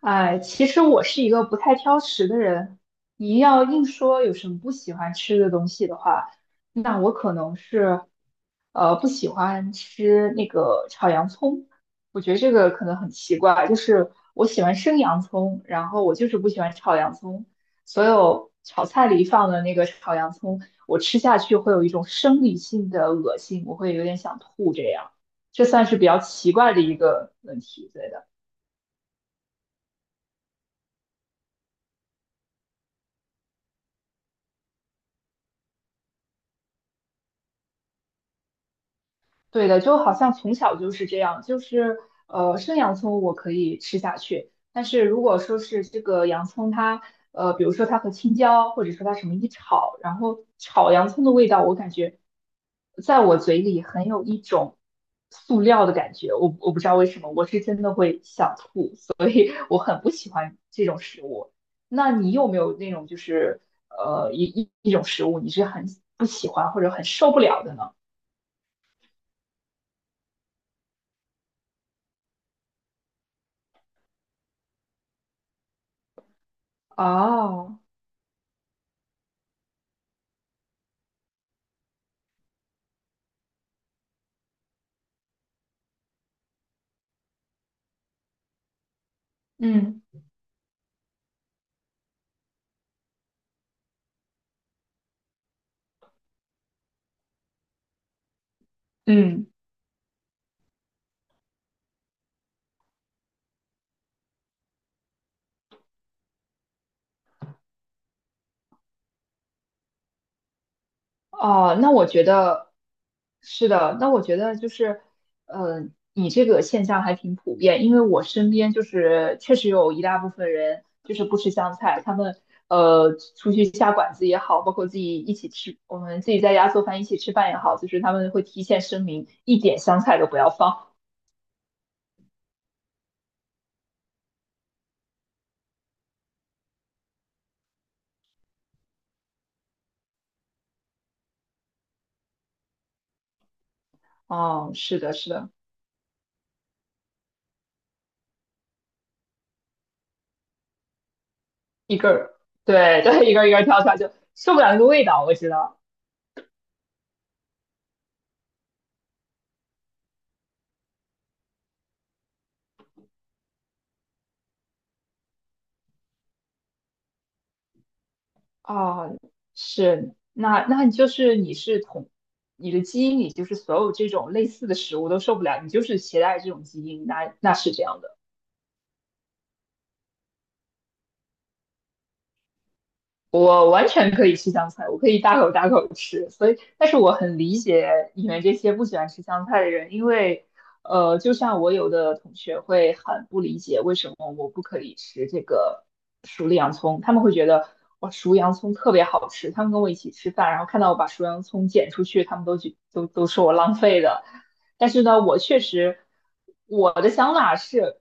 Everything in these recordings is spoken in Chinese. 哎，其实我是一个不太挑食的人。你要硬说有什么不喜欢吃的东西的话，那我可能是，不喜欢吃那个炒洋葱。我觉得这个可能很奇怪，就是我喜欢生洋葱，然后我就是不喜欢炒洋葱。所有炒菜里放的那个炒洋葱，我吃下去会有一种生理性的恶心，我会有点想吐这样。这算是比较奇怪的一个问题，对的。对的，就好像从小就是这样，就是生洋葱我可以吃下去，但是如果说是这个洋葱它，比如说它和青椒，或者说它什么一炒，然后炒洋葱的味道，我感觉在我嘴里很有一种塑料的感觉，我不知道为什么，我是真的会想吐，所以我很不喜欢这种食物。那你有没有那种就是一种食物你是很不喜欢或者很受不了的呢？哦。嗯嗯。哦，那我觉得是的，那我觉得就是，呃，你这个现象还挺普遍，因为我身边就是确实有一大部分人就是不吃香菜，他们出去下馆子也好，包括自己一起吃，我们自己在家做饭一起吃饭也好，就是他们会提前声明一点香菜都不要放。哦，是的，是的。一根儿，对对，一根儿一根儿挑出来就受不了那个味道，我知道。啊，是，那你的基因里就是所有这种类似的食物都受不了，你就是携带这种基因，那那是这样的。我完全可以吃香菜，我可以大口大口吃，所以，但是我很理解你们这些不喜欢吃香菜的人，因为，就像我有的同学会很不理解为什么我不可以吃这个熟的洋葱，他们会觉得我熟洋葱特别好吃，他们跟我一起吃饭，然后看到我把熟洋葱剪出去，他们都觉都都说我浪费的，但是呢，我确实我的想法是，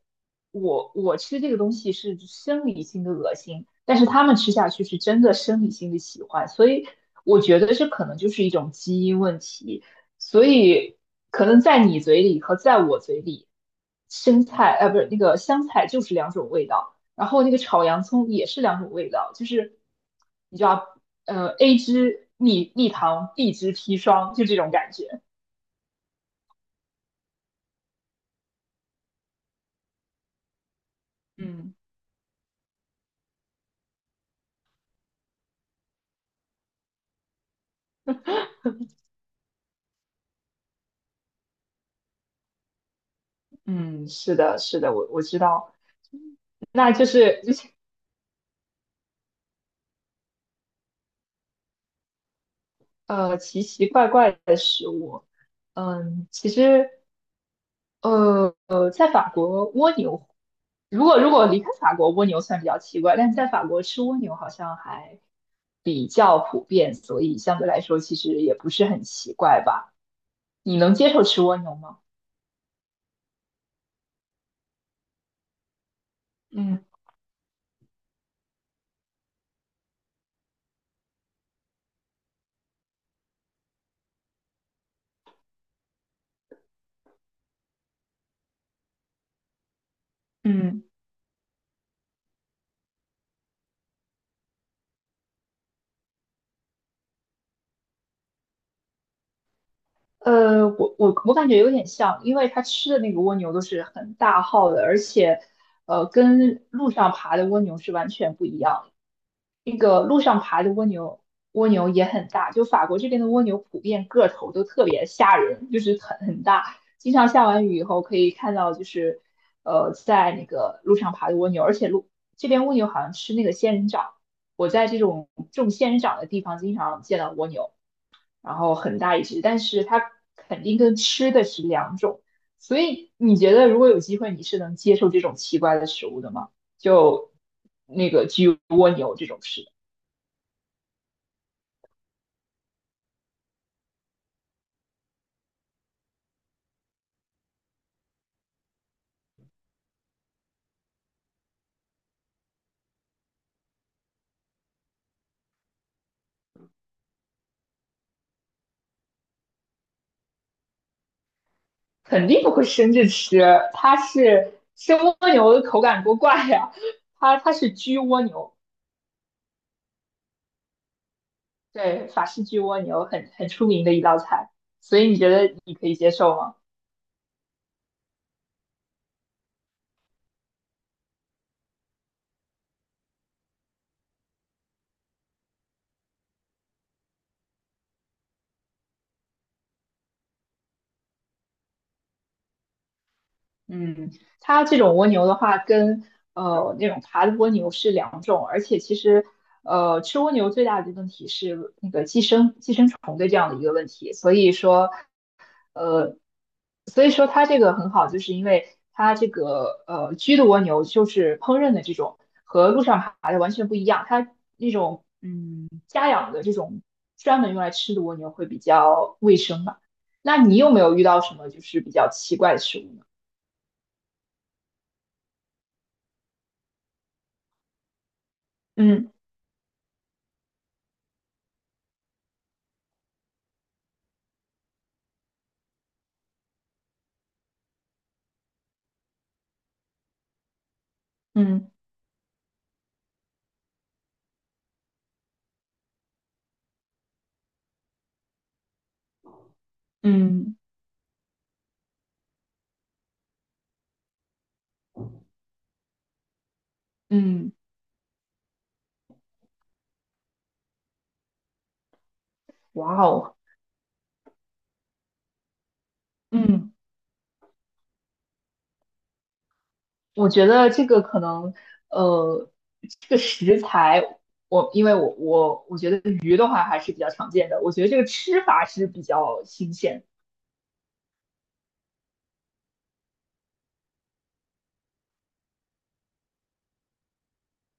我我吃这个东西是生理性的恶心，但是他们吃下去是真的生理性的喜欢，所以我觉得这可能就是一种基因问题，所以可能在你嘴里和在我嘴里，生菜呃不是那个香菜就是两种味道，然后那个炒洋葱也是两种味道，就是你知道，A 汁蜜蜜糖，B 汁砒霜，就这种感觉。嗯。嗯，是的，是的，我知道。那就是就是奇奇怪怪的食物，嗯，其实在法国蜗牛，如果离开法国，蜗牛算比较奇怪，但是在法国吃蜗牛好像还比较普遍，所以相对来说其实也不是很奇怪吧？你能接受吃蜗牛吗？嗯嗯。我感觉有点像，因为它吃的那个蜗牛都是很大号的，而且，跟路上爬的蜗牛是完全不一样的。那个路上爬的蜗牛，蜗牛也很大，就法国这边的蜗牛普遍个头都特别吓人，就是很大。经常下完雨以后可以看到，就是在那个路上爬的蜗牛，而且路这边蜗牛好像吃那个仙人掌，我在这种种仙人掌的地方经常见到蜗牛。然后很大一只，但是它肯定跟吃的是两种。所以你觉得如果有机会，你是能接受这种奇怪的食物的吗？就那个焗蜗牛这种吃的，肯定不会生着吃，它是生蜗牛的口感多怪呀、它是焗蜗牛，对，法式焗蜗牛很出名的一道菜，所以你觉得你可以接受吗？嗯，它这种蜗牛的话，跟那种爬的蜗牛是两种，而且其实吃蜗牛最大的问题是那个寄生虫的这样的一个问题，所以说呃它这个很好，就是因为它这个居的蜗牛就是烹饪的这种和路上爬的完全不一样，它那种嗯家养的这种专门用来吃的蜗牛会比较卫生吧？那你有没有遇到什么就是比较奇怪的食物呢？嗯。嗯。嗯嗯。哇哦。嗯，我觉得这个可能，呃，这个食材，因为我觉得鱼的话还是比较常见的，我觉得这个吃法是比较新鲜。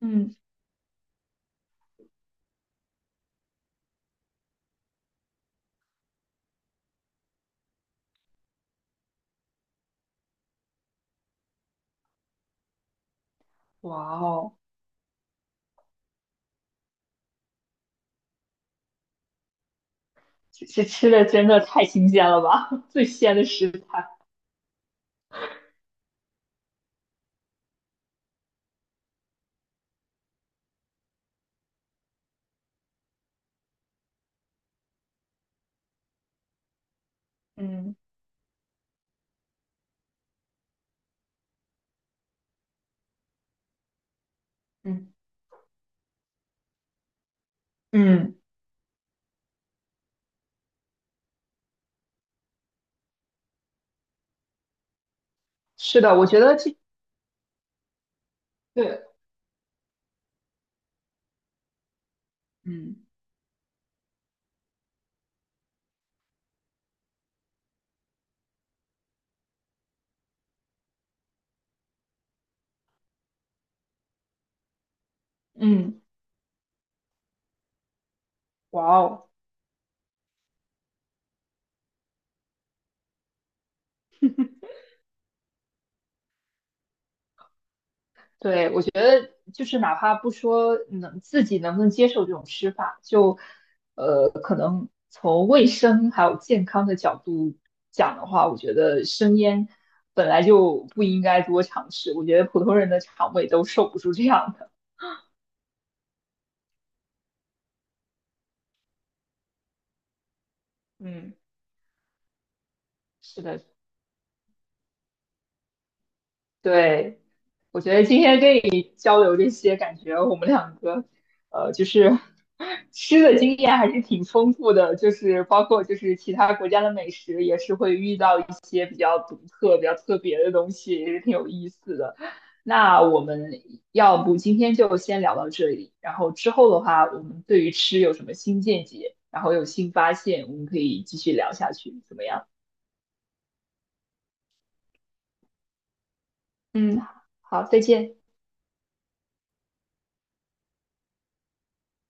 嗯。哇哦。这这吃的真的太新鲜了吧，最鲜的食材。嗯嗯嗯，是的，我觉得这对。嗯嗯。哇哦。对，我觉得就是哪怕不说能自己能不能接受这种吃法，就从卫生还有健康的角度讲的话，我觉得生烟本来就不应该多尝试。我觉得普通人的肠胃都受不住这样的。嗯，是的。对，我觉得今天跟你交流这些，感觉我们两个，就是 吃的经验还是挺丰富的，就是包括就是其他国家的美食，也是会遇到一些比较独特、比较特别的东西，也是挺有意思的。那我们要不今天就先聊到这里，然后之后的话，我们对于吃有什么新见解，然后有新发现，我们可以继续聊下去，怎么样？嗯，好，再见。